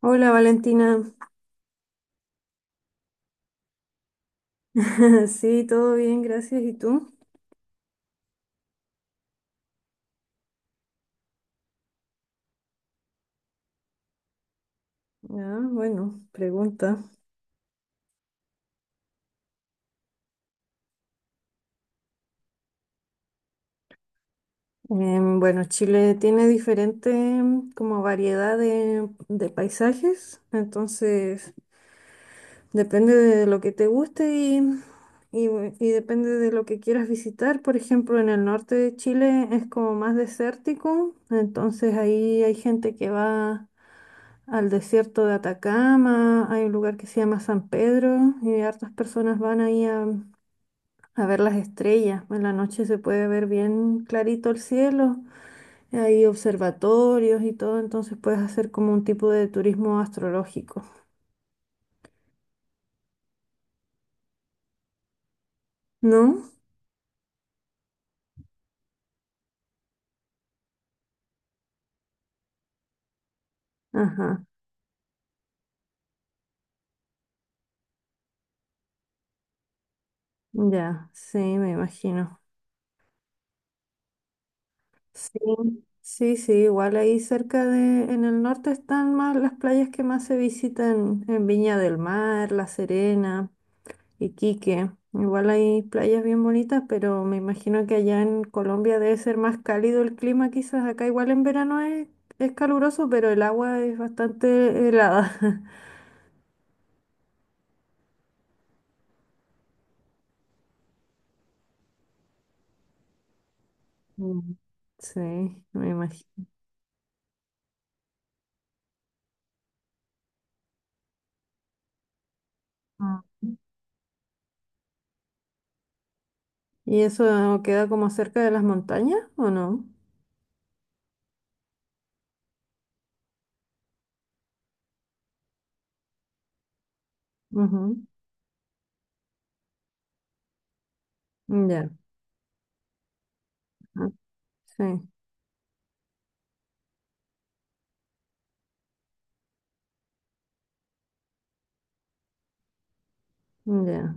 Hola Valentina, sí, todo bien, gracias. ¿Y tú? Ah, bueno, pregunta. Bueno, Chile tiene diferente como variedad de paisajes, entonces depende de lo que te guste y depende de lo que quieras visitar. Por ejemplo, en el norte de Chile es como más desértico, entonces ahí hay gente que va al desierto de Atacama. Hay un lugar que se llama San Pedro y hartas personas van ahí a ver las estrellas. En la noche se puede ver bien clarito el cielo, hay observatorios y todo, entonces puedes hacer como un tipo de turismo astrológico, ¿no? Ajá, ya, sí, me imagino. Sí, sí, sí, igual ahí cerca de, en el norte están más las playas que más se visitan, en Viña del Mar, La Serena. Iquique. Igual hay playas bien bonitas, pero me imagino que allá en Colombia debe ser más cálido el clima, quizás. Acá igual en verano es caluroso, pero el agua es bastante helada. Mm. Sí, me imagino. Ah. ¿Y eso queda como cerca de las montañas o no? Ujú. Ya, ah, sí, ya.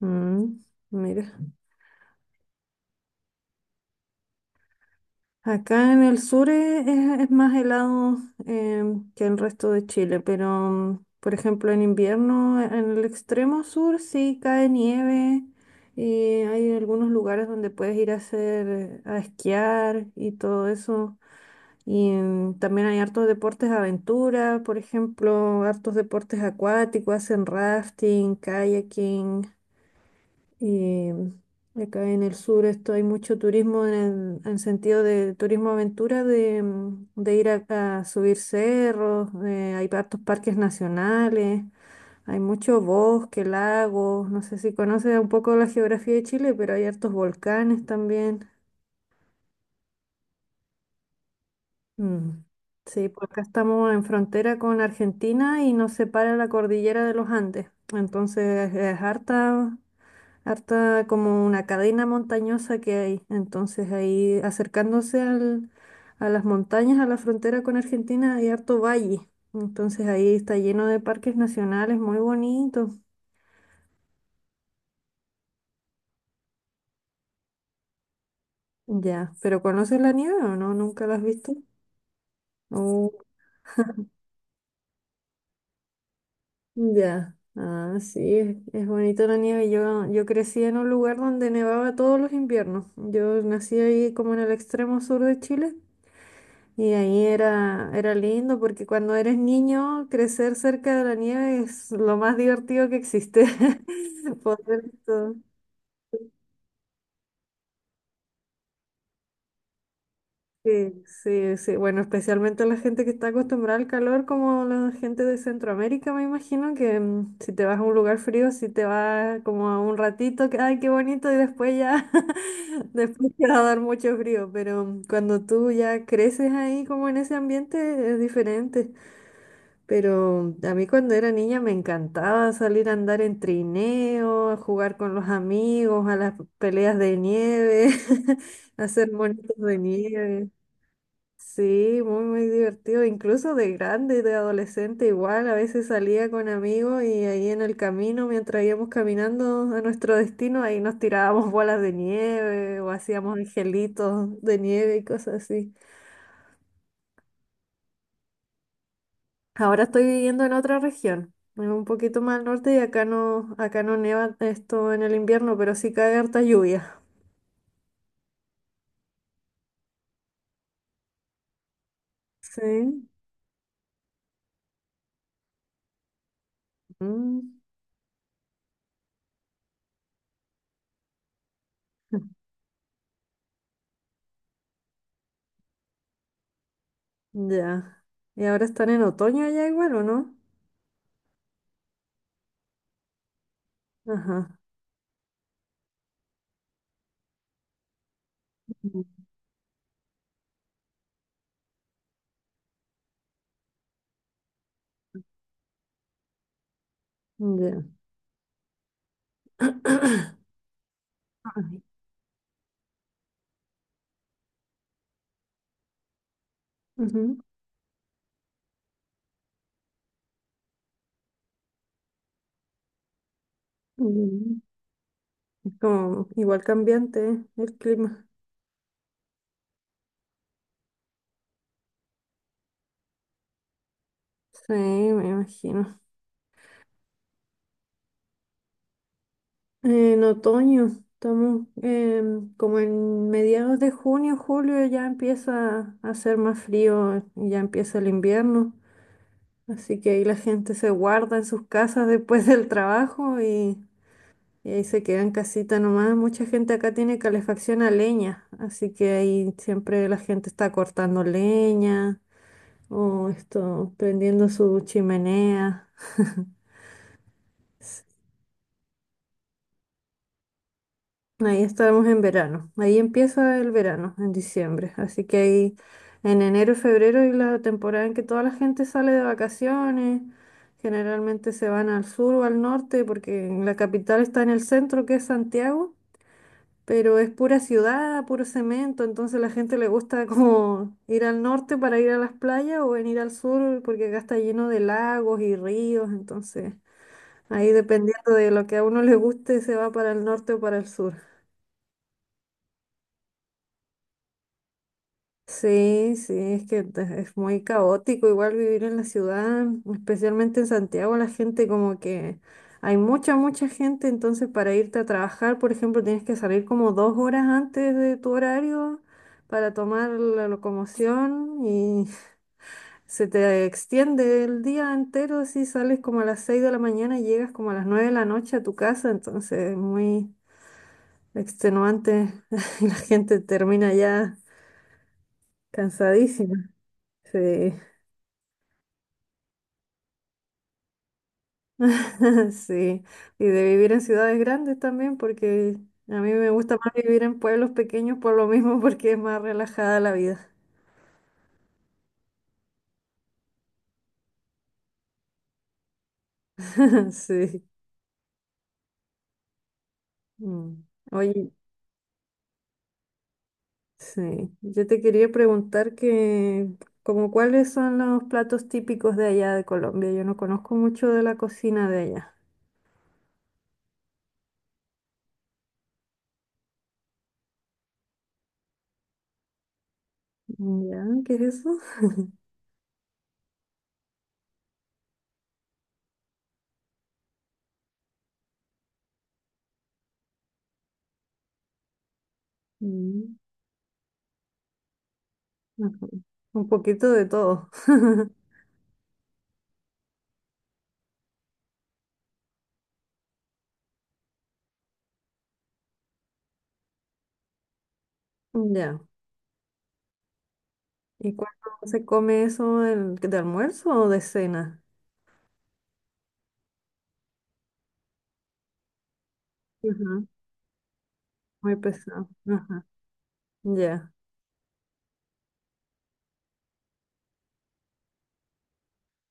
Mm, mira. Acá en el sur es más helado eh, que el resto de Chile, pero por ejemplo en invierno en el extremo sur sí cae nieve y hay algunos lugares donde puedes ir a hacer, a esquiar y todo eso. Y también hay hartos deportes de aventura, por ejemplo, hartos deportes acuáticos, hacen rafting, kayaking. Y acá en el sur esto hay mucho turismo en sentido de turismo aventura, de ir a subir cerros, hay hartos parques nacionales, hay mucho bosque, lagos, no sé si conoces un poco la geografía de Chile, pero hay hartos volcanes también. Mm. Sí, pues acá estamos en frontera con Argentina y nos separa la cordillera de los Andes, entonces es harta, como una cadena montañosa que hay. Entonces ahí a las montañas, a la frontera con Argentina, hay harto valle. Entonces ahí está lleno de parques nacionales, muy bonito. Ya, pero ¿conoces la nieve o no? ¿Nunca la has visto? Oh, ya. Ah, sí, es bonito la nieve. Yo crecí en un lugar donde nevaba todos los inviernos. Yo nací ahí como en el extremo sur de Chile. Y ahí era lindo porque cuando eres niño, crecer cerca de la nieve es lo más divertido que existe. Poder to- Sí, sí, sí. Bueno, especialmente la gente que está acostumbrada al calor, como la gente de Centroamérica, me imagino que si te vas a un lugar frío, si te vas como a un ratito, que ay, qué bonito, y después ya, después te va a dar mucho frío. Pero cuando tú ya creces ahí, como en ese ambiente, es diferente. Pero a mí cuando era niña me encantaba salir a andar en trineo, a jugar con los amigos, a las peleas de nieve, a hacer monitos de nieve. Sí, muy, muy divertido. Incluso de grande, de adolescente, igual. A veces salía con amigos y ahí en el camino, mientras íbamos caminando a nuestro destino, ahí nos tirábamos bolas de nieve o hacíamos angelitos de nieve y cosas así. Ahora estoy viviendo en otra región, en un poquito más al norte y acá no nieva esto en el invierno, pero sí cae harta lluvia. Sí. Mm, ya. ¿Y ahora están en otoño allá igual o no? Ajá. Mm, ya. Ay, ujú. Mm, es como igual cambiante, ¿eh? El clima. Sí, me imagino. En otoño, estamos como en mediados de junio, julio ya empieza a hacer más frío, ya empieza el invierno, así que ahí la gente se guarda en sus casas después del y ahí se queda en casita nomás. Mucha gente acá tiene calefacción a leña, así que ahí siempre la gente está cortando leña o esto, prendiendo su chimenea. Ahí estamos en verano. Ahí empieza el verano, en diciembre. Así que ahí en enero y febrero es la temporada en que toda la gente sale de vacaciones. Generalmente se van al sur o al norte porque la capital está en el centro, que es Santiago, pero es pura ciudad, puro cemento. Entonces la gente le gusta como ir al norte para ir a las playas o venir al sur porque acá está lleno de lagos y ríos. Entonces ahí dependiendo de lo que a uno le guste se va para el norte o para el sur. Sí, sí, es muy caótico igual vivir en la ciudad, especialmente en Santiago, la gente como que hay mucha gente, entonces para irte a trabajar, por ejemplo, tienes que salir como dos horas antes de tu horario para tomar la locomoción y se te extiende el día entero, si sales como a las seis de la mañana y llegas como a las nueve de la noche a tu casa, entonces es muy extenuante y la gente termina ya cansadísima. Sí. Sí, y de vivir en ciudades grandes también, porque a mí me gusta más vivir en pueblos pequeños por lo mismo, porque es más relajada la vida. Sí. Mm. Oye, sí, yo te quería preguntar que, como cuáles son los platos típicos de allá de Colombia. Yo no conozco mucho de la cocina de allá. ¿Ya? ¿Qué es eso? Mm, ajá. Un poquito de todo. Ya. ¿Y cuándo se come eso, de almuerzo o de cena? Ajá. Muy pesado. Ajá. Ya.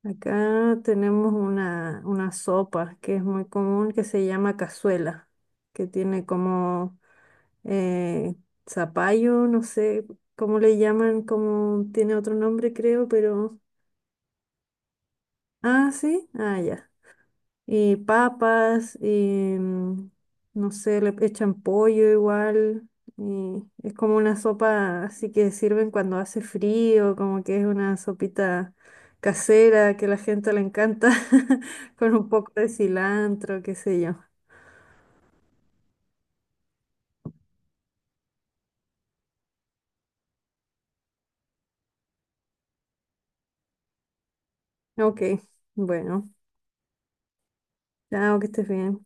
Acá tenemos una sopa que es muy común que se llama cazuela, que tiene como eh, zapallo, no sé cómo le llaman, como tiene otro nombre creo, pero... Ah, sí. Ah, ya. Papas, no sé, le echan pollo igual. Y es como una sopa así que sirven cuando hace frío, como que es una sopita casera que a la gente le encanta, con un poco de cilantro, qué sé yo. Ok, bueno, chao, que estés bien.